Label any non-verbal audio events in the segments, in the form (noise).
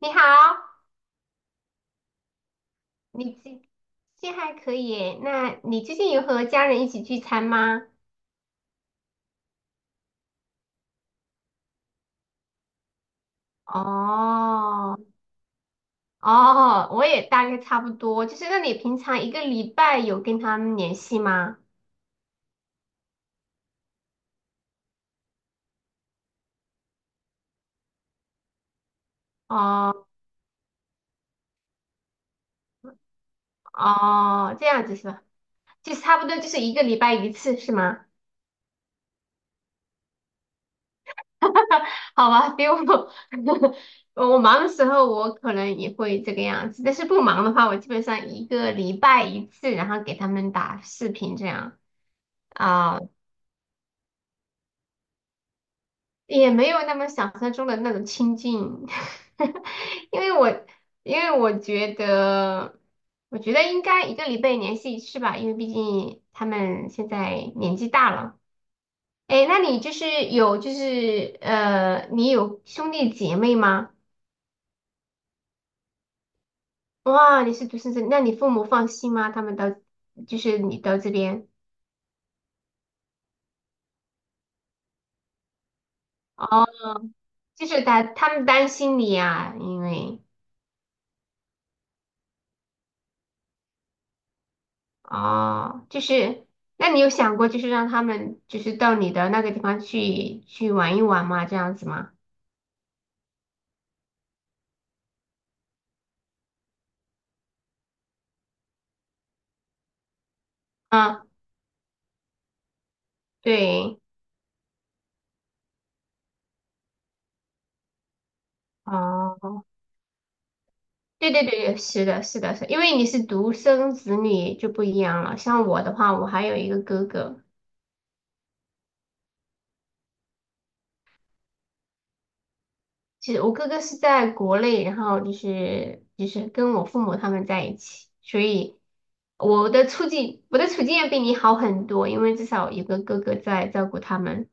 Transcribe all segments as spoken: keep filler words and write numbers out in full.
你好，你最近还可以耶？那你最近有和家人一起聚餐吗？哦哦，哦我也大概差不多。就是那你平常一个礼拜有跟他们联系吗？哦哦，这样子是吧？就是差不多就是一个礼拜一次是吗？(laughs) 好吧，比我 (laughs) 我忙的时候我可能也会这个样子，但是不忙的话，我基本上一个礼拜一次，然后给他们打视频这样。啊、也没有那么想象中的那种亲近，(laughs) 因为我因为我觉得，我觉得应该一个礼拜联系一次吧，因为毕竟他们现在年纪大了。哎，那你就是有就是呃，你有兄弟姐妹吗？哇，你是独生子，那你父母放心吗？他们到就是你到这边哦，就是他他们担心你呀，因为。哦，就是，那你有想过就是让他们就是到你的那个地方去去玩一玩吗？这样子吗？啊，对，哦，对对对对，是的，是的，是的因为你是独生子女就不一样了。像我的话，我还有一个哥哥，其实我哥哥是在国内，然后就是就是跟我父母他们在一起，所以我的处境我的处境要比你好很多，因为至少有个哥哥在照顾他们。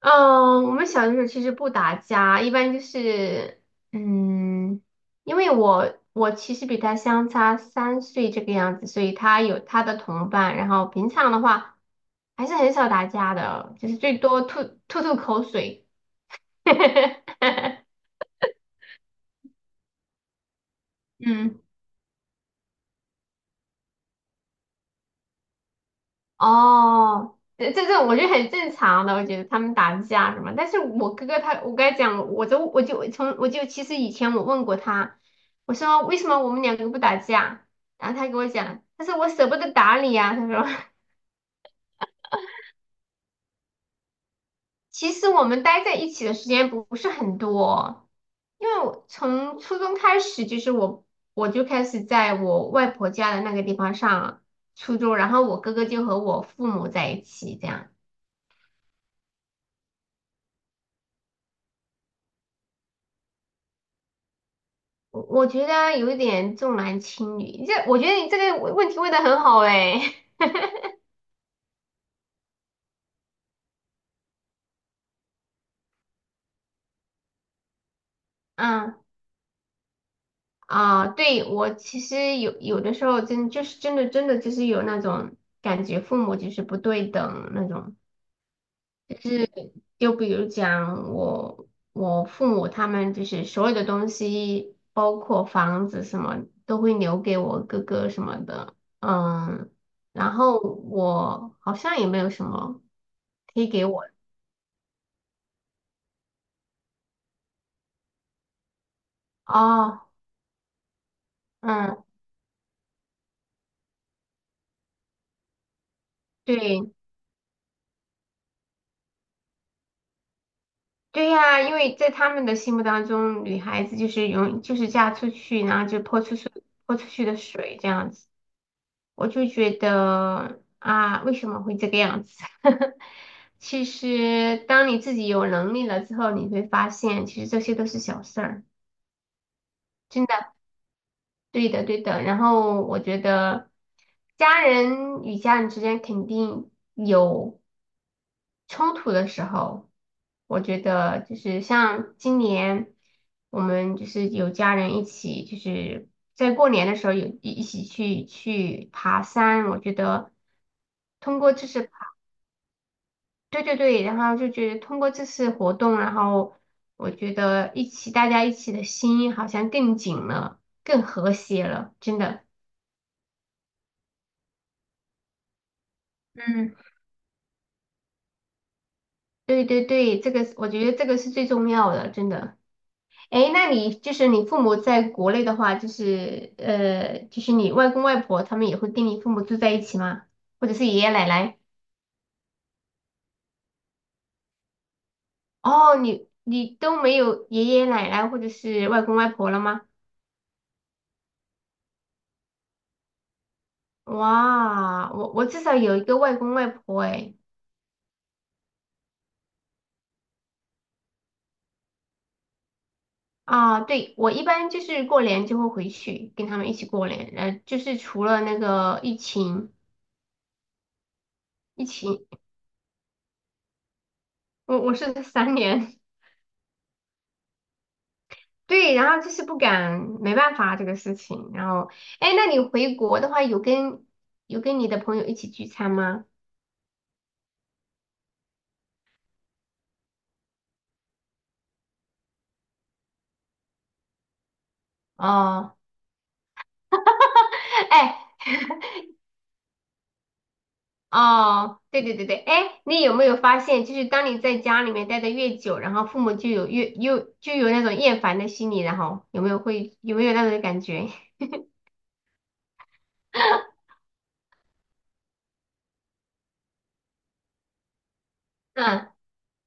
嗯，我们小的时候其实不打架，一般就是，嗯，因为我我其实比他相差三岁这个样子，所以他有他的同伴，然后平常的话还是很少打架的，就是最多吐吐吐口水。(laughs) 嗯哦，这这这我觉得很正常的，我觉得他们打架什么，但是我哥哥他，我跟他讲，我就我就从我就其实以前我问过他，我说为什么我们两个不打架，然后他跟我讲，他说我舍不得打你啊。他说 (laughs) 其实我们待在一起的时间不不是很多，因为我从初中开始就是我我就开始在我外婆家的那个地方上初中，然后我哥哥就和我父母在一起这样。我我觉得啊有一点重男轻女，这我觉得你这个问问题问的很好哎，(laughs) 嗯啊，对我其实有有的时候真就是真的真的就是有那种感觉，父母就是不对等那种，就是就比如讲我我父母他们就是所有的东西，包括房子什么都会留给我哥哥什么的，嗯，然后我好像也没有什么可以给我哦，嗯。对对呀，因为在他们的心目当中，女孩子就是永就是嫁出去，然后就泼出去泼出去的水这样子，我就觉得啊，为什么会这个样子？(laughs) 其实当你自己有能力了之后，你会发现，其实这些都是小事儿。对的，对的。然后我觉得家人与家人之间肯定有冲突的时候，我觉得就是像今年我们就是有家人一起，就是在过年的时候有一一起去去爬山，我觉得通过这次爬对对对，然后就觉得通过这次活动，然后我觉得一起大家一起的心好像更紧了，更和谐了，真的。嗯，对对对，这个是我觉得这个是最重要的，真的。诶，那你就是你父母在国内的话，就是呃，就是你外公外婆他们也会跟你父母住在一起吗？或者是爷爷奶奶？哦，你你都没有爷爷奶奶或者是外公外婆了吗？哇，我我至少有一个外公外婆诶。啊，对，我一般就是过年就会回去跟他们一起过年，呃，就是除了那个疫情，疫情，我我是三年。对，然后就是不敢，没办法这个事情。然后，哎，那你回国的话，有跟有跟你的朋友一起聚餐吗？哦，(laughs) 哎，哦，对对对对，哎，你有没有发现，就是当你在家里面待的越久，然后父母就有越又就有那种厌烦的心理，然后有没有会有没有那种感觉？(laughs) 嗯，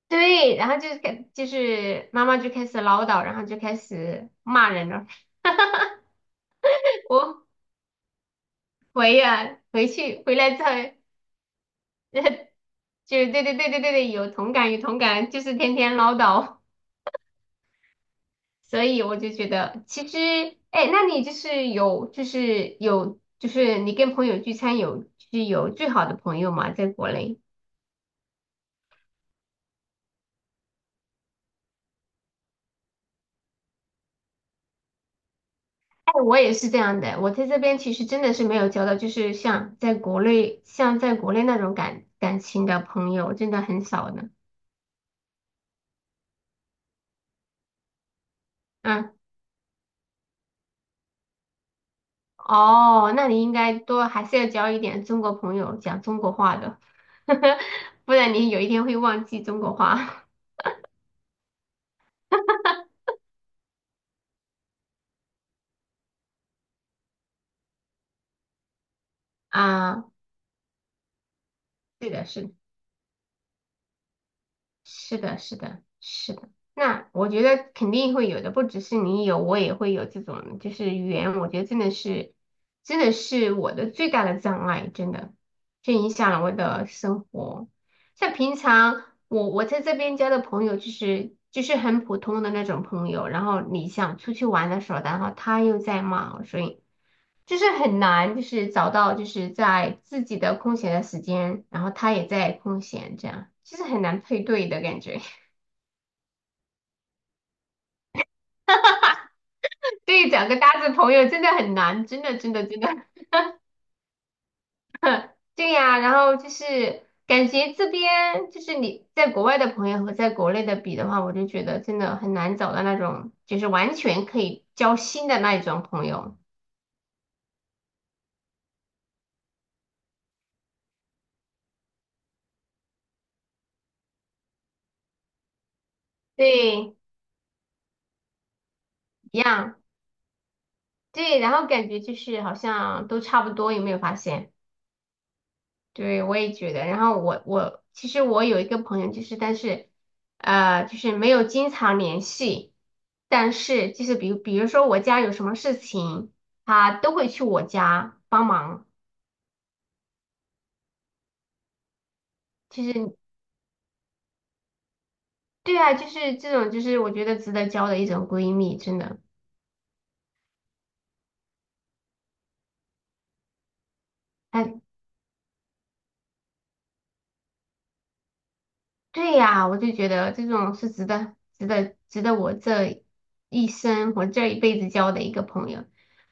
对，然后就是感就是妈妈就开始唠叨，然后就开始骂人了。(laughs) 我回呀、回去回来之后。就是对对对对对对，有同感有同感，就是天天唠叨，所以我就觉得其实，哎，那你就是有就是有就是你跟朋友聚餐有就是有最好的朋友吗？在国内？哎，我也是这样的，我在这边其实真的是没有交到，就是像在国内像在国内那种感感情的朋友，真的很少的。嗯，哦，那你应该多还是要交一点中国朋友，讲中国话的，(laughs) 不然你有一天会忘记中国话。啊，是的，是的是的，是的，是的。那我觉得肯定会有的，不只是你有，我也会有这种，就是语言，我觉得真的是，真的是我的最大的障碍，真的，这影响了我的生活。像平常我我在这边交的朋友，就是就是很普通的那种朋友，然后你想出去玩的时候，然后他又在忙，所以。就是很难，就是找到就是在自己的空闲的时间，然后他也在空闲，这样就是很难配对的感觉。(laughs) 对，找个搭子朋友真的很难，真的真的真的。对呀，然后就是感觉这边就是你在国外的朋友和在国内的比的话，我就觉得真的很难找到那种就是完全可以交心的那一种朋友。对，一样。对，然后感觉就是好像都差不多，有没有发现？对，我也觉得。然后我我其实我有一个朋友，就是但是呃，就是没有经常联系，但是就是比如比如说我家有什么事情，她都会去我家帮忙。其实对啊，就是这种就是我觉得值得交的一种闺蜜，真的。对呀，我就觉得这种是值得、值得、值得我这一生、我这一辈子交的一个朋友。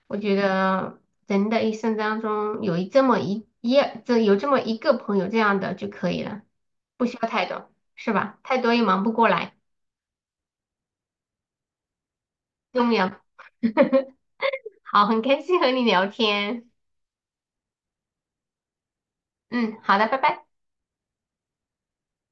我觉得人的一生当中有一这么一一这有这么一个朋友这样的就可以了，不需要太多，是吧？太多也忙不过来，重要。(laughs) 好，很开心和你聊天。嗯，好的，拜拜。